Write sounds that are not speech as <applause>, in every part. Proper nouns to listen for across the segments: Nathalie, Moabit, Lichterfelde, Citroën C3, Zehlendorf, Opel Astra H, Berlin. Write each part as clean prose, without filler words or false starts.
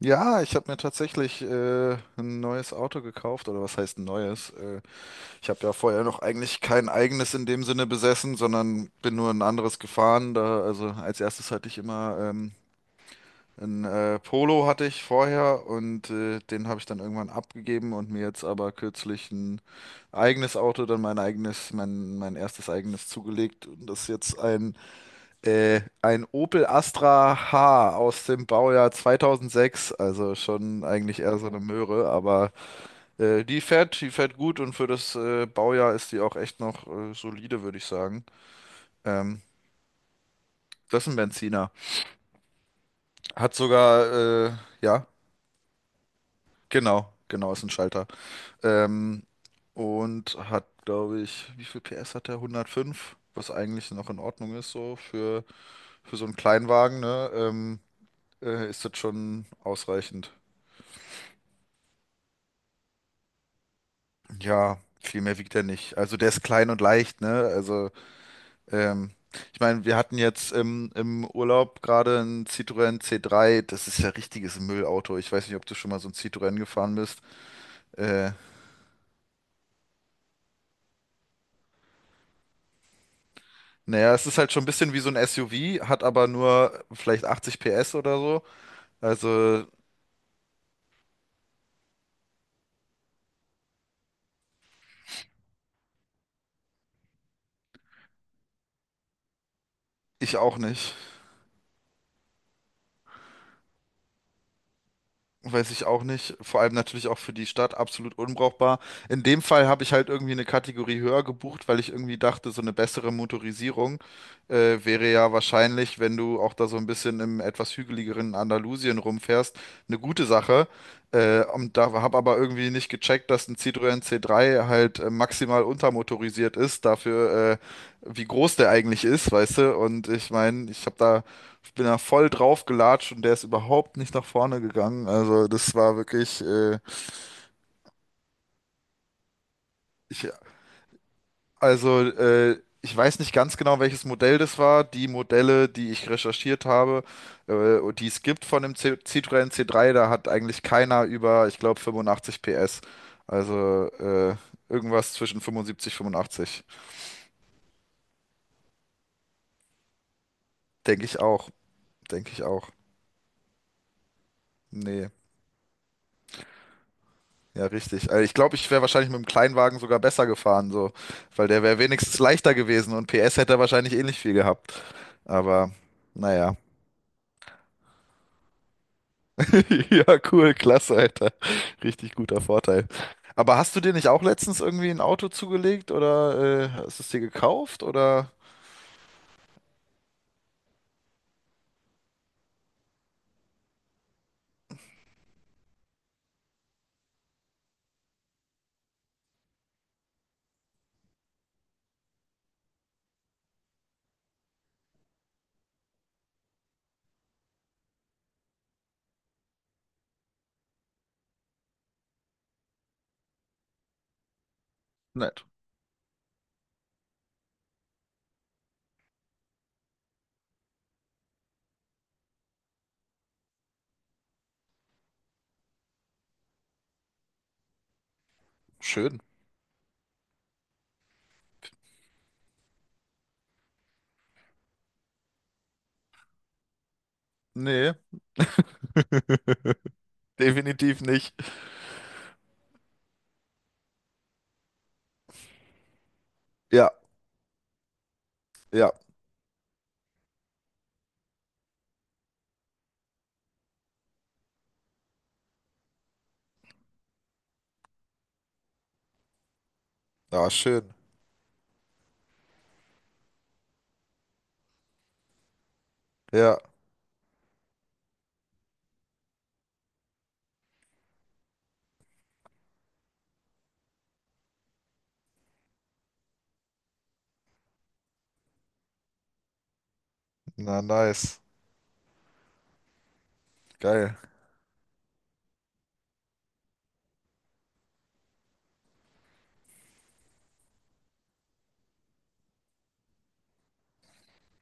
Ja, ich habe mir tatsächlich ein neues Auto gekauft, oder was heißt ein neues? Ich habe ja vorher noch eigentlich kein eigenes in dem Sinne besessen, sondern bin nur ein anderes gefahren. Da, also als erstes hatte ich immer ein Polo hatte ich vorher und den habe ich dann irgendwann abgegeben und mir jetzt aber kürzlich ein eigenes Auto, dann mein eigenes, mein erstes eigenes zugelegt. Und das ist jetzt ein Opel Astra H aus dem Baujahr 2006, also schon eigentlich eher so eine Möhre, aber die fährt gut und für das Baujahr ist die auch echt noch solide, würde ich sagen. Ähm, Das ist ein Benziner. Hat sogar, ja, genau, genau, ist ein Schalter. Ähm, und hat, glaube ich, wie viel PS hat der? 105, was eigentlich noch in Ordnung ist, so für so einen Kleinwagen, ne? Ist das schon ausreichend. Ja, viel mehr wiegt er nicht. Also der ist klein und leicht, ne? Also, ähm, ich meine, wir hatten jetzt im Urlaub gerade einen Citroën C3. Das ist ja richtiges Müllauto. Ich weiß nicht, ob du schon mal so ein Citroën gefahren bist. Äh, naja, es ist halt schon ein bisschen wie so ein SUV, hat aber nur vielleicht 80 PS oder so. Also ich auch nicht. Weiß ich auch nicht. Vor allem natürlich auch für die Stadt absolut unbrauchbar. In dem Fall habe ich halt irgendwie eine Kategorie höher gebucht, weil ich irgendwie dachte, so eine bessere Motorisierung wäre ja wahrscheinlich, wenn du auch da so ein bisschen im etwas hügeligeren Andalusien rumfährst, eine gute Sache. Und da habe aber irgendwie nicht gecheckt, dass ein Citroën C3 halt maximal untermotorisiert ist, dafür wie groß der eigentlich ist, weißt du? Und ich meine, ich bin da voll drauf gelatscht und der ist überhaupt nicht nach vorne gegangen. Also das war wirklich, ich, ich weiß nicht ganz genau, welches Modell das war. Die Modelle, die ich recherchiert habe, und die es gibt von dem C Citroën C3, da hat eigentlich keiner über, ich glaube, 85 PS. Also irgendwas zwischen 75, 85. Denke ich auch, denke ich auch. Nee. Ja, richtig. Also ich glaube, ich wäre wahrscheinlich mit dem Kleinwagen sogar besser gefahren, so, weil der wäre wenigstens leichter gewesen und PS hätte er wahrscheinlich ähnlich viel gehabt. Aber naja. <laughs> Ja, cool, klasse, Alter. Richtig guter Vorteil. Aber hast du dir nicht auch letztens irgendwie ein Auto zugelegt oder hast du es dir gekauft oder? Nett. Schön. Nee, <laughs> definitiv nicht. Ja, ja. Ah, schön. Ja. Na, nice. Geil.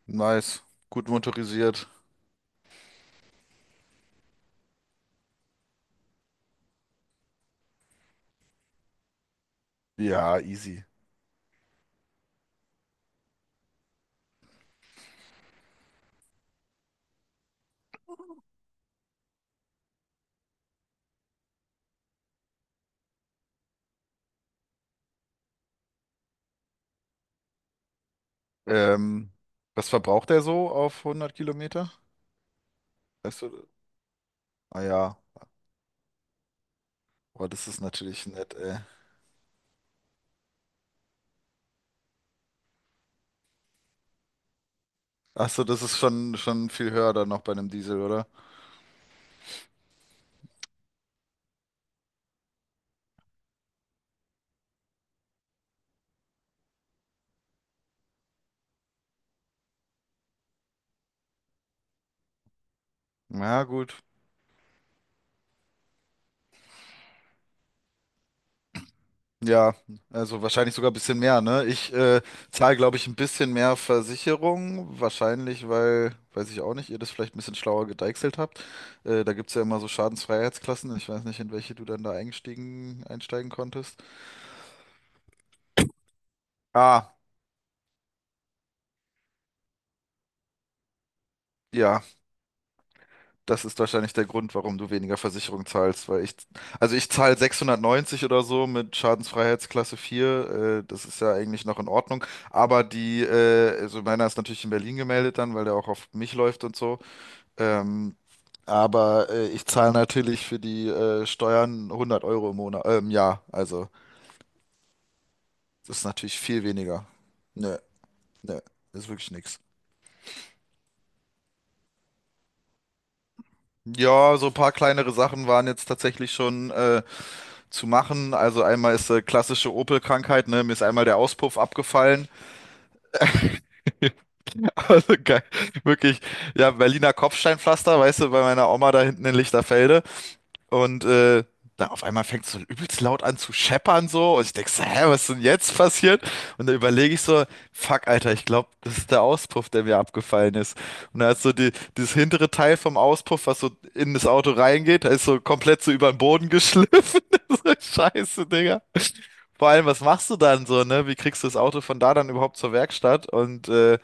Nice. Gut motorisiert. Ja, easy. Ähm, Was verbraucht er so auf 100 Kilometer? Weißt du? Ah ja, boah, das ist natürlich nett, ey. Ach so, das ist schon viel höher dann noch bei einem Diesel, oder? Na gut. Ja, also wahrscheinlich sogar ein bisschen mehr, ne? Ich zahle, glaube ich, ein bisschen mehr Versicherung. Wahrscheinlich, weil, weiß ich auch nicht, ihr das vielleicht ein bisschen schlauer gedeichselt habt. Da gibt es ja immer so Schadensfreiheitsklassen. Ich weiß nicht, in welche du dann da einsteigen konntest. Ah, ja. Das ist wahrscheinlich der Grund, warum du weniger Versicherung zahlst, weil ich, also ich zahle 690 oder so mit Schadensfreiheitsklasse 4. Das ist ja eigentlich noch in Ordnung, aber also meiner ist natürlich in Berlin gemeldet dann, weil der auch auf mich läuft und so, ähm, ich zahle natürlich für die Steuern 100 € im Monat, im Jahr, also das ist natürlich viel weniger. Nö, nö, ist wirklich nix. Ja, so ein paar kleinere Sachen waren jetzt tatsächlich schon, zu machen. Also einmal ist klassische Opel-Krankheit, ne? Mir ist einmal der Auspuff abgefallen. <laughs> Also geil, wirklich, ja, Berliner Kopfsteinpflaster, weißt du, bei meiner Oma da hinten in Lichterfelde. Und dann auf einmal fängt es so übelst laut an zu scheppern so. Und ich denk so, hä, was ist denn jetzt passiert? Und dann überlege ich so, fuck, Alter, ich glaube, das ist der Auspuff, der mir abgefallen ist. Und da ist so dieses hintere Teil vom Auspuff, was so in das Auto reingeht, da ist so komplett so über den Boden geschliffen. <laughs> So, Scheiße, Digga. Vor allem, was machst du dann so, ne? Wie kriegst du das Auto von da dann überhaupt zur Werkstatt?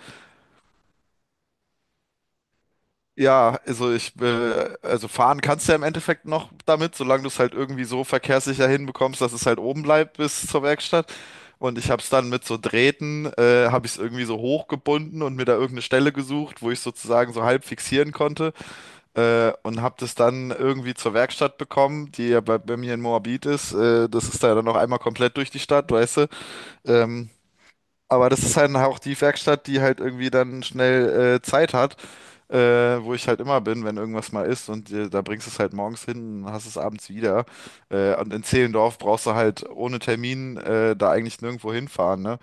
Ja, also fahren kannst du ja im Endeffekt noch damit, solange du es halt irgendwie so verkehrssicher hinbekommst, dass es halt oben bleibt bis zur Werkstatt. Und ich habe es dann mit so Drähten, habe ich es irgendwie so hochgebunden und mir da irgendeine Stelle gesucht, wo ich sozusagen so halb fixieren konnte. Und habe das dann irgendwie zur Werkstatt bekommen, die ja bei mir in Moabit ist. Das ist da ja dann noch einmal komplett durch die Stadt, weißt du. Ähm, aber das ist halt auch die Werkstatt, die halt irgendwie dann schnell Zeit hat wo ich halt immer bin, wenn irgendwas mal ist und da bringst du es halt morgens hin und hast es abends wieder. Und in Zehlendorf brauchst du halt ohne Termin da eigentlich nirgendwo hinfahren, ne?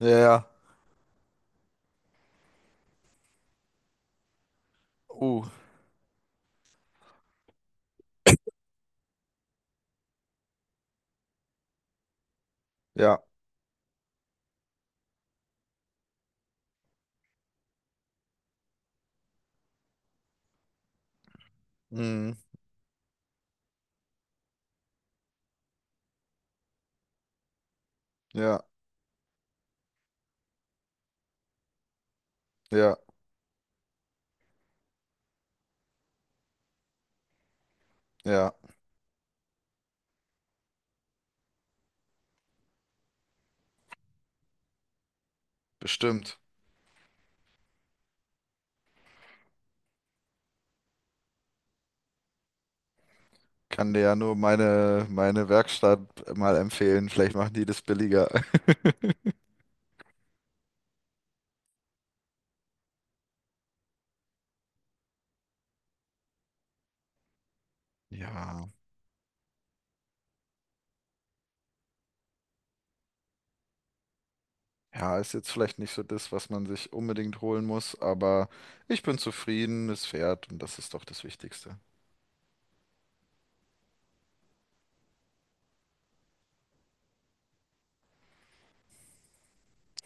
Ja, ja. uh, ja, mhm, ja, ja, ja, bestimmt. Kann dir ja nur meine Werkstatt mal empfehlen. Vielleicht machen die das billiger. <laughs> Ja, ja, ist jetzt vielleicht nicht so das, was man sich unbedingt holen muss, aber ich bin zufrieden, es fährt und das ist doch das Wichtigste.